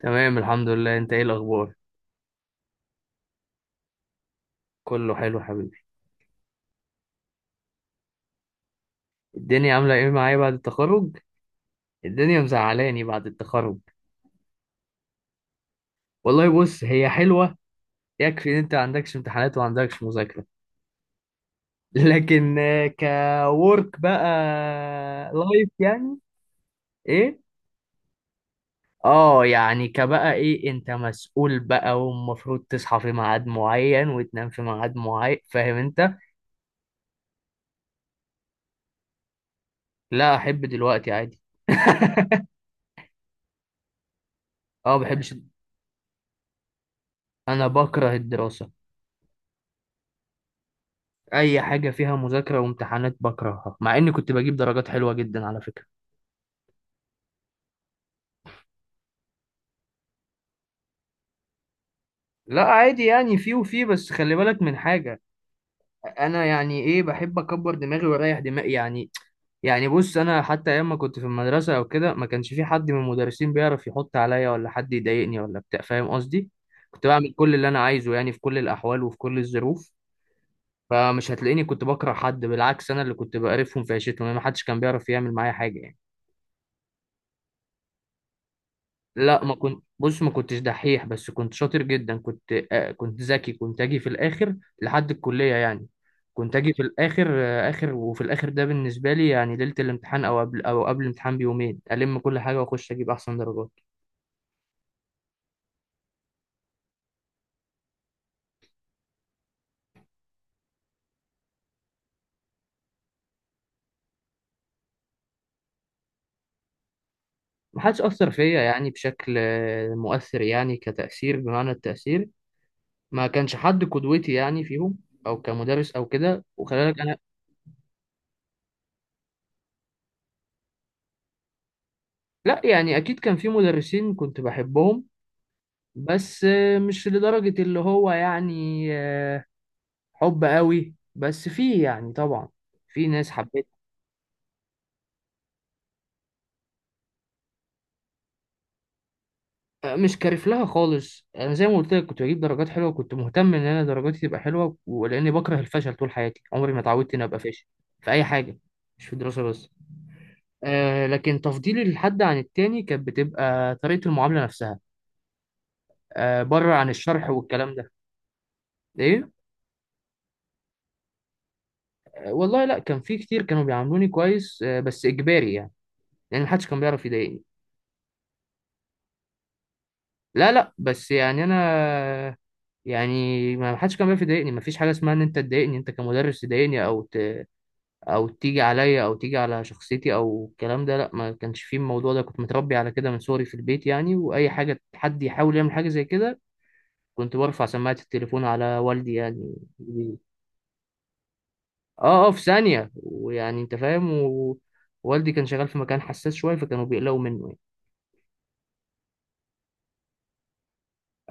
تمام، الحمد لله. انت ايه الاخبار؟ كله حلو حبيبي. الدنيا عامله ايه معايا بعد التخرج؟ الدنيا مزعلاني بعد التخرج. والله بص، هي حلوه. يكفي ان انت ما عندكش امتحانات وما عندكش مذاكره. لكن كورك بقى. لايف يعني. ايه. اه يعني كبقى ايه، انت مسؤول بقى ومفروض تصحى في ميعاد معين وتنام في ميعاد معين، فاهم انت. لا، احب دلوقتي عادي. اه، بحبش. انا بكره الدراسه. اي حاجه فيها مذاكره وامتحانات بكرهها، مع اني كنت بجيب درجات حلوه جدا على فكره. لا عادي، يعني في وفي، بس خلي بالك من حاجه. انا يعني ايه، بحب اكبر دماغي واريح دماغي يعني. يعني بص، انا حتى ايام ما كنت في المدرسه او كده، ما كانش في حد من المدرسين بيعرف يحط عليا ولا حد يضايقني ولا بتاع، فاهم قصدي. كنت بعمل كل اللي انا عايزه يعني، في كل الاحوال وفي كل الظروف. فمش هتلاقيني كنت بكره حد، بالعكس، انا اللي كنت بقرفهم في عيشتهم يعني، ما حدش كان بيعرف يعمل معايا حاجه يعني. لا ما كنت، بص، ما كنتش دحيح، بس كنت شاطر جدا، كنت ذكي. كنت اجي في الاخر لحد الكلية يعني. كنت اجي في الاخر، آه اخر وفي الاخر ده بالنسبة لي يعني، ليلة الامتحان او قبل الامتحان بيومين الم كل حاجة واخش اجيب احسن درجات. ما حدش اثر فيا يعني بشكل مؤثر، يعني كتأثير بمعنى التأثير. ما كانش حد قدوتي يعني فيهم، او كمدرس او كده، وخلي بالك انا. لا يعني، اكيد كان في مدرسين كنت بحبهم، بس مش لدرجة اللي هو يعني, حب قوي، بس فيه يعني طبعا، في ناس حبيت. آه، مش كارف لها خالص. انا زي ما قلت لك، كنت بجيب درجات حلوة، كنت مهتم ان انا درجاتي تبقى حلوة، ولاني بكره الفشل. طول حياتي عمري ما اتعودت اني ابقى فاشل في اي حاجة، مش في الدراسة بس. آه، لكن تفضيلي للحد عن التاني كانت بتبقى طريقة المعاملة نفسها، آه، بره عن الشرح والكلام ده. ايه. آه، والله لا، كان في كتير كانوا بيعاملوني كويس، بس اجباري يعني، لان محدش كان بيعرف يضايقني. لا، لا، بس يعني انا، يعني ما حدش كان بيعرف يضايقني. ما فيش حاجه اسمها ان انت تضايقني، انت كمدرس تضايقني او تيجي عليا او تيجي على شخصيتي او الكلام ده، لا، ما كانش فيه الموضوع ده. كنت متربي على كده من صغري في البيت يعني، واي حاجه حد يحاول يعمل حاجه زي كده، كنت برفع سماعه التليفون على والدي يعني. اه، اه، في ثانيه ويعني انت فاهم. والدي كان شغال في مكان حساس شويه، فكانوا بيقلقوا منه.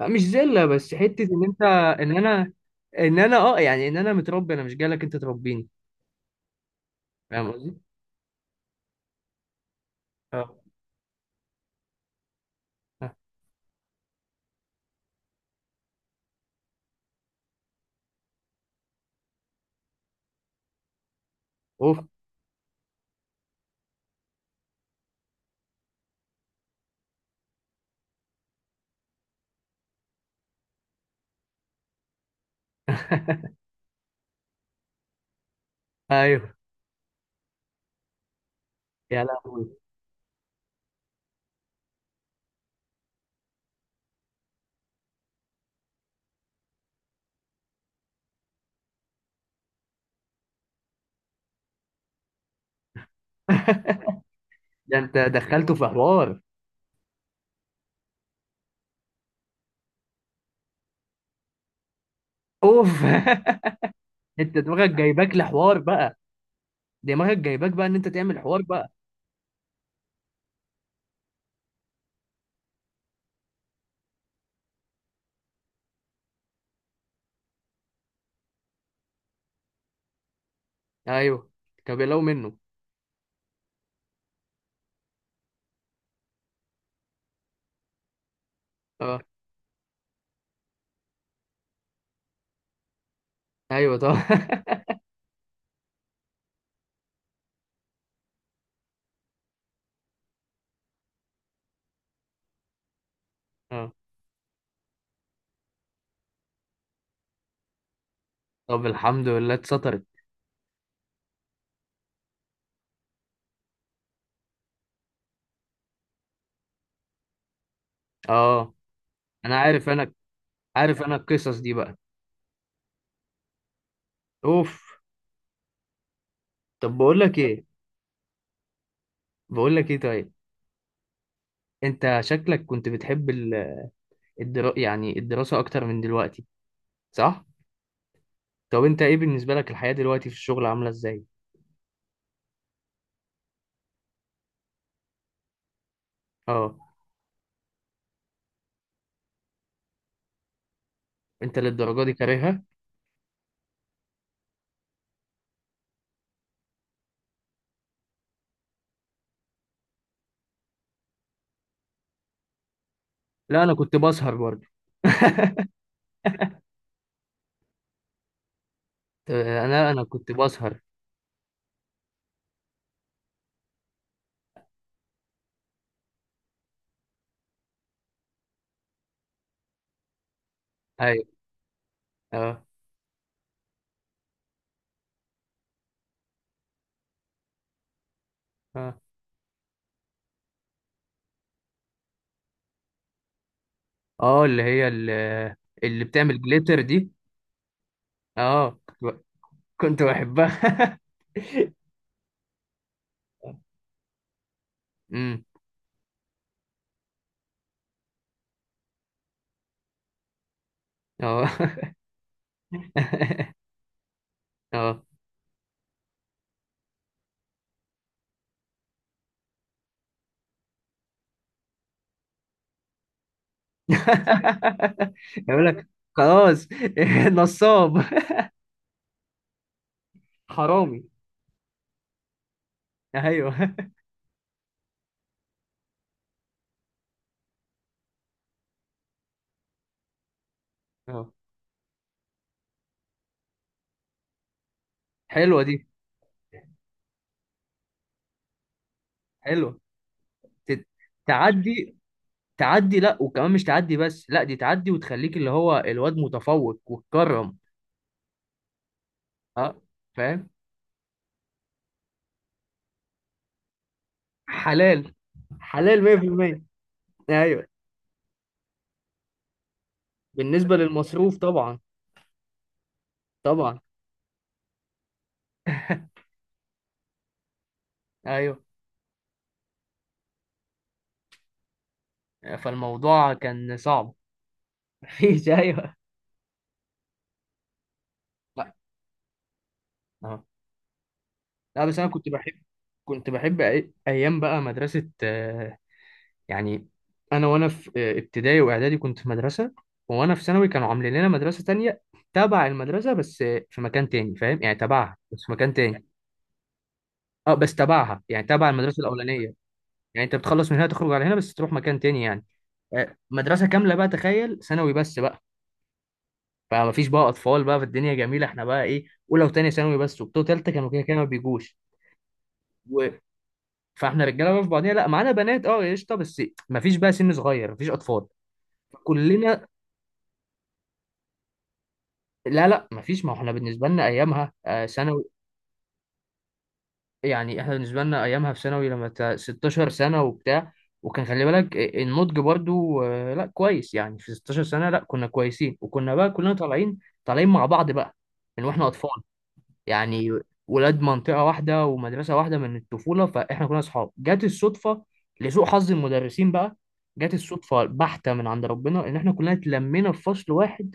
آه، مش زله، بس حته ان انت، ان انا ان انا متربي، انا مش جالك انت تربيني. فاهم قصدي؟ اه. آه. اوف. ايوه. يا لهوي. ده انت دخلته في حوار. اوف. انت دماغك جايباك لحوار بقى، دماغك جايباك بقى ان انت تعمل حوار بقى. ايوه، كان بيقلقوا منه. اه، ايوه طبعا. اه، طب الحمد لله اتسطرت. اه، انا عارف، انا عارف انا القصص دي بقى. اوف. طب، بقول لك ايه، بقول لك ايه طيب. انت شكلك كنت بتحب يعني الدراسة اكتر من دلوقتي، صح؟ طب انت ايه بالنسبة لك الحياة دلوقتي في الشغل، عاملة ازاي؟ اه، انت للدرجة دي كارهها؟ لا، انا كنت بسهر برضه. انا كنت بسهر. ايوه. اه، اه، اه، اللي هي، اللي, اللي بتعمل جليتر دي. اه، كنت بحبها. امم. اه. اه. يقول لك خلاص. نصاب. حرامي. ايوه. اه. حلوه دي. حلوه ت- تعدي. تعدي، لا وكمان مش تعدي بس، لا دي تعدي وتخليك اللي هو الواد متفوق وتكرم. اه، فاهم. حلال. حلال 100%. ايوه. بالنسبه للمصروف طبعا. طبعا. ايوه. فالموضوع كان صعب. مفيش، ايوه. لا. آه. لا بس انا كنت بحب، كنت بحب ايام بقى مدرسه. يعني، انا وانا في ابتدائي واعدادي كنت في مدرسه، وانا في ثانوي كانوا عاملين لنا مدرسه تانية، تبع المدرسه بس في مكان تاني، فاهم يعني، تبعها بس في مكان تاني. اه، بس تبعها، يعني تبع المدرسه الاولانيه. يعني انت بتخلص من هنا، تخرج على هنا بس تروح مكان تاني يعني. آه، مدرسه كامله بقى، تخيل، ثانوي بس بقى. فما فيش بقى اطفال بقى، في الدنيا جميله، احنا بقى ايه، اولى وثانيه ثانوي بس، وبتوع ثالثه كانوا كده كده ما بيجوش و... فاحنا رجاله بقى في بعضينا، لا معانا بنات، اه قشطه، بس ما فيش بقى سن صغير، ما فيش اطفال، كلنا. لا، لا، مفيش، ما هو احنا بالنسبة لنا أيامها ثانوي. يعني احنا بالنسبة لنا أيامها في ثانوي، لما 16 سنة وبتاع، وكان خلي بالك النضج برضو، لا كويس يعني، في 16 سنة، لا كنا كويسين، وكنا بقى كلنا طالعين، طالعين مع بعض بقى من واحنا أطفال يعني، ولاد منطقة واحدة ومدرسة واحدة من الطفولة، فاحنا كنا أصحاب. جت الصدفة، لسوء حظ المدرسين بقى، جت الصدفة بحتة من عند ربنا إن احنا كلنا اتلمينا في فصل واحد.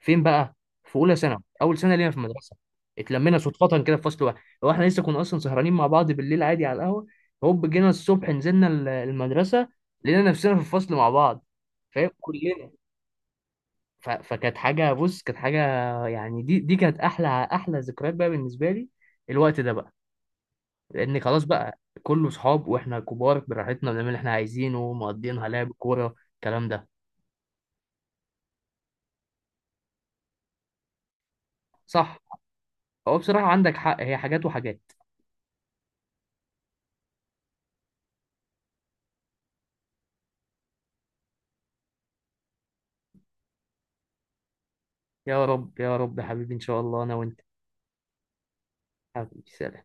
فين بقى؟ في اولى ثانوي، اول سنه لينا في المدرسه، اتلمينا صدفه كده في فصل واحد. هو احنا لسه كنا اصلا سهرانين مع بعض بالليل عادي على القهوه، هوب جينا الصبح نزلنا المدرسه، لقينا نفسنا في الفصل مع بعض، فاهم، كلنا. فكانت حاجه، بص، كانت حاجه، يعني دي كانت احلى، احلى ذكريات بقى بالنسبه لي، الوقت ده بقى، لان خلاص بقى كله صحاب، واحنا كبار براحتنا بنعمل اللي احنا عايزينه، مقضيينها لعب كوره الكلام ده. صح. هو بصراحه عندك حق، هي حاجات وحاجات. يا رب، يا رب، يا حبيبي، ان شاء الله انا وانت. حبيبي، سلام.